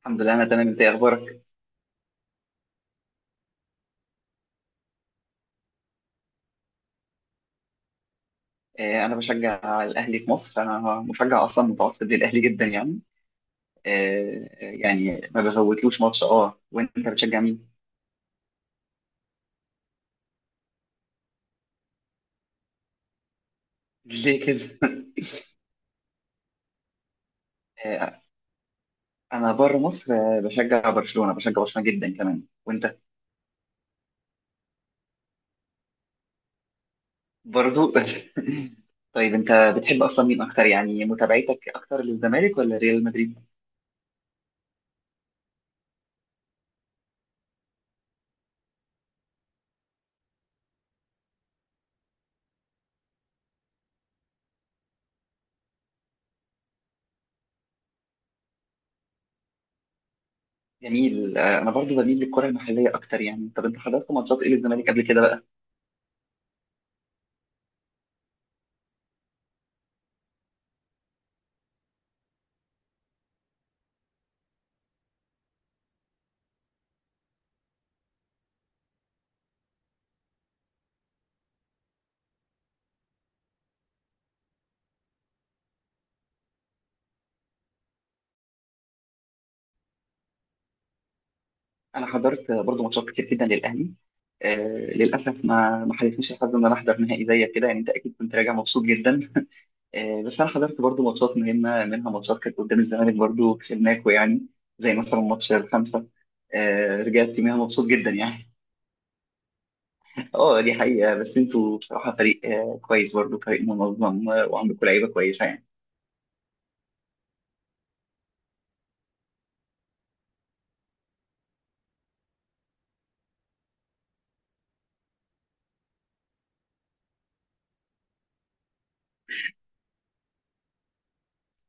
الحمد لله، انا تمام. انت إيه اخبارك؟ انا بشجع الاهلي في مصر. انا مشجع اصلا متعصب للاهلي جدا يعني. يعني ما بفوتلوش ماتش. اه وانت بتشجع مين؟ ليه كده؟ آه، انا بره مصر بشجع برشلونة، بشجع برشلونة جدا كمان. وانت؟ برضو. طيب انت بتحب اصلا مين اكتر؟ يعني متابعتك اكتر للزمالك ولا ريال مدريد؟ جميل. انا برضو بميل للكرة المحلية اكتر يعني. طب انت حضرت ماتشات ايه للزمالك قبل كده بقى؟ انا حضرت برضو ماتشات كتير جدا للاهلي. آه للاسف ما حالفنيش الحظ ان انا احضر نهائي زيك كده يعني. انت اكيد كنت راجع مبسوط جدا. بس انا حضرت برضو ماتشات مهمه، منها ماتشات كانت قدام الزمالك برضو كسبناكو يعني، زي مثلا ماتش الخمسه. رجعت منها مبسوط جدا يعني. اه، دي حقيقه. بس انتوا بصراحه فريق كويس برضو، فريق منظم، وعندكم لعيبه كويسه يعني.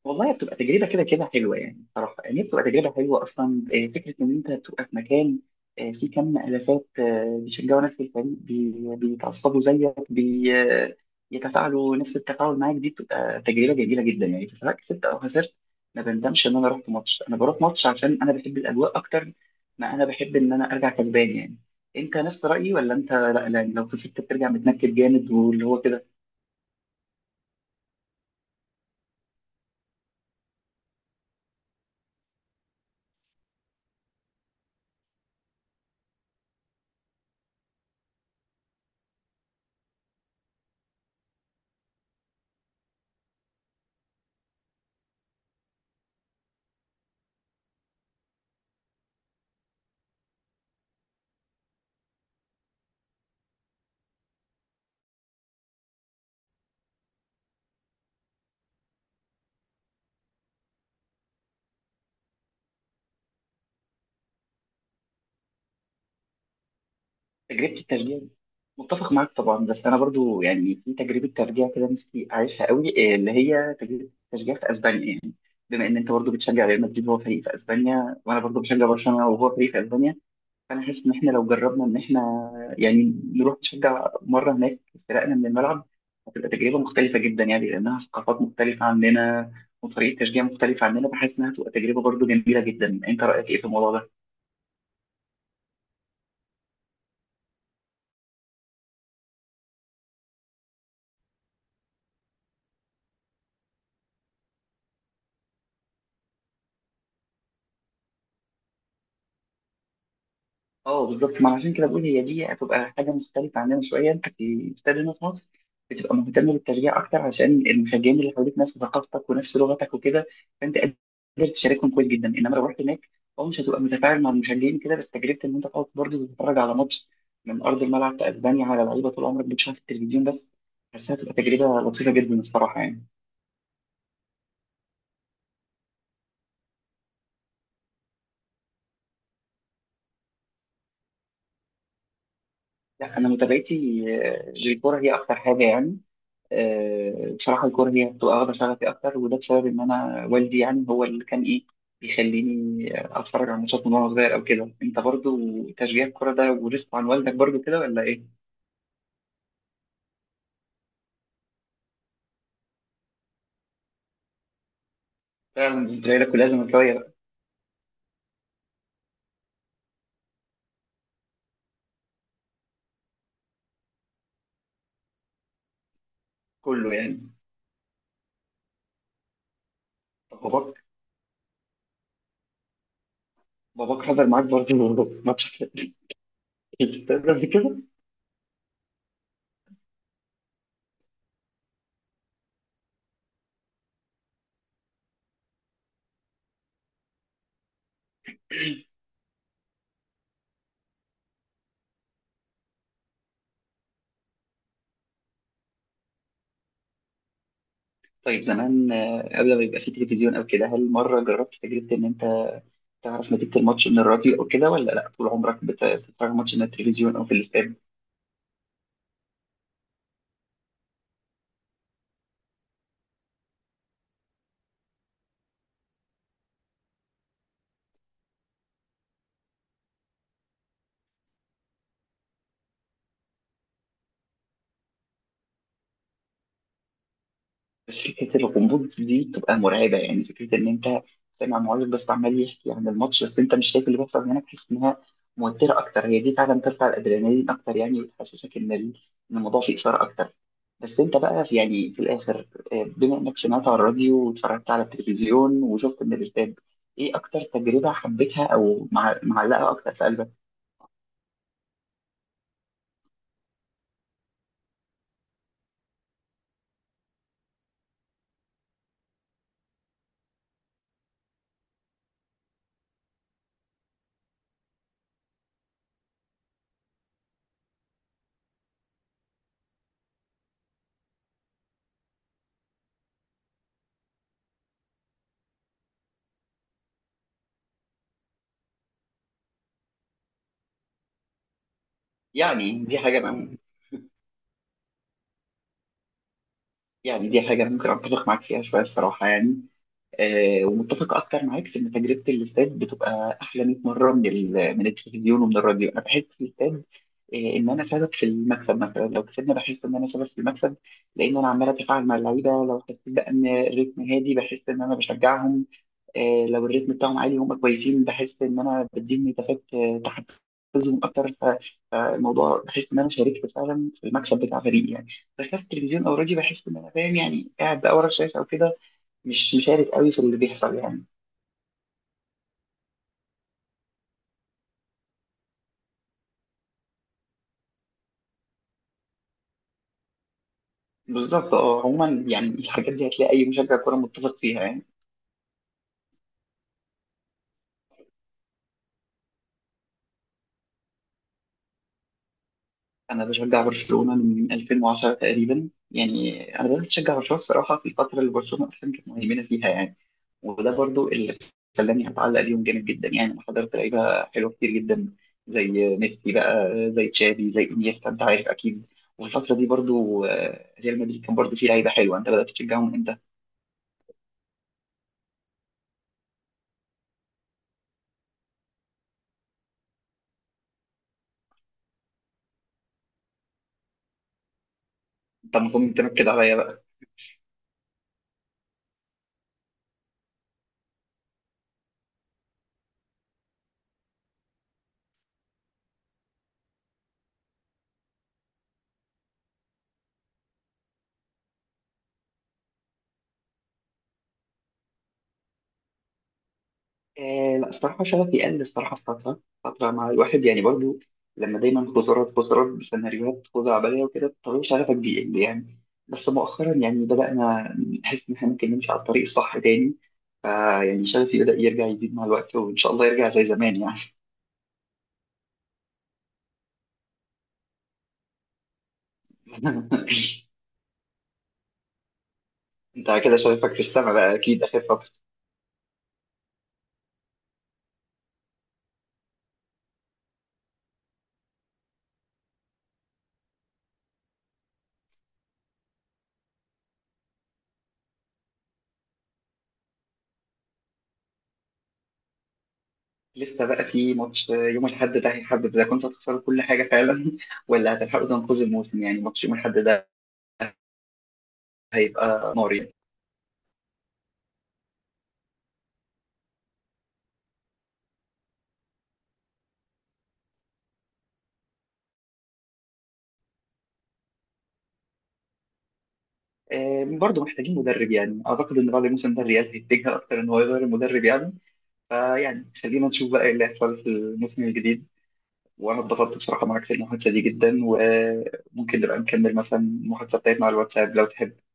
والله بتبقى تجربة كده كده حلوة يعني، صراحة يعني هي بتبقى تجربة حلوة أصلا. فكرة إن أنت بتبقى في مكان فيه كم آلافات بيشجعوا نفس الفريق، بيتعصبوا زيك، يتفاعلوا نفس التفاعل معاك، دي بتبقى تجربة جميلة جدا يعني، سواء كسبت أو خسرت. ما بندمش إن أنا رحت ماتش. أنا بروح ماتش عشان أنا بحب الأجواء أكتر ما أنا بحب إن أنا أرجع كسبان يعني. أنت نفس رأيي ولا أنت لا، لا لو خسرت بترجع متنكد جامد واللي هو كده؟ تجربة الترجيع دي متفق معاك طبعا. بس انا برضو يعني في تجربة ترجيع كده نفسي اعيشها قوي، إيه اللي هي تجربة الترجيع في اسبانيا يعني. بما ان انت برضو بتشجع ريال مدريد وهو فريق في اسبانيا، وانا برضو بشجع برشلونة وهو فريق في اسبانيا، فانا حاسس ان احنا لو جربنا ان احنا يعني نروح نشجع مرة هناك، فرقنا من الملعب، هتبقى تجربة مختلفة جدا يعني، لانها ثقافات مختلفة عننا وطريقة تشجيع مختلفة عننا. بحس انها هتبقى تجربة برضو جميلة جدا. انت رأيك ايه في الموضوع ده؟ اه بالظبط، ما عشان كده بقول هي دي هتبقى حاجه مختلفه عننا شويه. انت في الاستاد هنا في مصر بتبقى مهتم بالتشجيع اكتر عشان المشجعين اللي حواليك نفس ثقافتك ونفس لغتك وكده، فانت قادر تشاركهم كويس جدا. انما لو رحت هناك، اه مش هتبقى متفاعل مع المشجعين كده، بس تجربه ان انت تقعد برضه تتفرج على ماتش من ارض الملعب في اسبانيا، على لعيبه طول عمرك بتشوفها في التلفزيون بس، حاسسها هتبقى تجربه لطيفه جدا الصراحه يعني. لا انا متابعتي للكوره هي اكتر حاجه يعني. بصراحة الكورة هي بتبقى واخدة شغفي أكتر، وده بسبب إن أنا والدي يعني هو اللي كان إيه بيخليني أتفرج على ماتشات من وأنا صغير أو كده. أنت برضو تشجيع الكورة ده ورثته عن والدك برضو كده ولا إيه؟ فعلا أنت لك كلها زملكاوية بقى. كله يعني. طب باباك، باباك حضر معاك برضو ماتش في الاستاد قبل كده؟ طيب زمان، قبل ما يبقى في تلفزيون أو كده، هل مرة جربت تجربة إن أنت تعرف نتيجة الماتش من الراديو أو كده، ولا لأ طول عمرك بتتفرج ماتش من التلفزيون أو في الاستاد؟ بس فكره الغموض دي بتبقى مرعبه يعني. فكره ان انت سامع معلق بس عمال يحكي عن الماتش، بس انت مش شايف اللي بيحصل هناك، تحس انها موتره اكتر. هي دي فعلا ترفع الادرينالين اكتر يعني، وتحسسك إن الموضوع فيه اثاره اكتر. بس انت بقى في يعني في الاخر، بما انك سمعت على الراديو واتفرجت على التلفزيون وشفت من الاستاد، ايه اكتر تجربه حبيتها او معلقه اكتر في قلبك؟ يعني دي حاجه أنا- يعني دي حاجه أنا ممكن اتفق معاك فيها شويه الصراحه يعني. ومتفق اكتر معاك في ان تجربه الاستاد بتبقى احلى 100 مره من من التلفزيون ومن الراديو. انا بحس في الاستاد ان انا سبب في المكسب، مثلا لو كسبنا بحس ان انا سبب في المكسب، لان انا عمال اتفاعل مع اللعيبه. لو حسيت بقى ان الريتم هادي بحس ان انا بشجعهم، لو الريتم بتاعهم عالي وهم كويسين بحس ان انا بديهم نتافات تحفزهم اكتر. فالموضوع بحس ان انا شاركت فعلا في المكسب بتاع فريقي يعني. بخلاف التلفزيون او الراديو، بحس ان انا فاهم يعني، قاعد بقى ورا الشاشه او كده، مش مشارك قوي في اللي بيحصل يعني. بالظبط. اه عموما يعني الحاجات دي هتلاقي اي مشجع كوره متفق فيها يعني. انا بشجع برشلونه من 2010 تقريبا يعني. انا بدات اشجع برشلونه الصراحه في الفتره اللي برشلونه اصلا كانت مهيمنه فيها يعني، وده برضو اللي خلاني اتعلق بيهم جامد جدا يعني. انا حضرت لعيبه حلوه كتير جدا، زي ميسي بقى، زي تشافي، زي انيستا، انت عارف اكيد. وفي الفتره دي برضو ريال مدريد كان برضو فيه لعيبه حلوه. انت بدات تشجعهم امتى؟ انت مصمم تنكد عليا. آه لا الصراحة شغفي قل الصراحة في فترة مع الواحد يعني برضو، لما دايما خزارات بسيناريوهات خزعبلية عبالية وكده، طبيعي شغفك بيقل يعني. بس مؤخرا يعني بدأنا نحس إن إحنا ممكن نمشي على الطريق الصح تاني، فيعني شغفي بدأ يرجع يزيد مع الوقت وإن شاء الله يرجع زي زمان يعني. أنت كده شغفك في السما بقى أكيد آخر فترة. لسه بقى في ماتش يوم الأحد ده هيحدد إذا كنت هتخسروا كل حاجة فعلا ولا هتلحقوا تنقذوا الموسم يعني. ماتش يوم الأحد ده هيبقى نار يعني. برضه محتاجين مدرب يعني، اعتقد ان بعد الموسم ده الريال هيتجه اكتر ان هو يغير المدرب يعني. فيعني خلينا نشوف بقى ايه اللي هيحصل في الموسم الجديد. وانا اتبسطت بصراحه معاك في المحادثه دي جدا، وممكن نبقى نكمل مثلا المحادثه بتاعتنا على الواتساب لو تحب.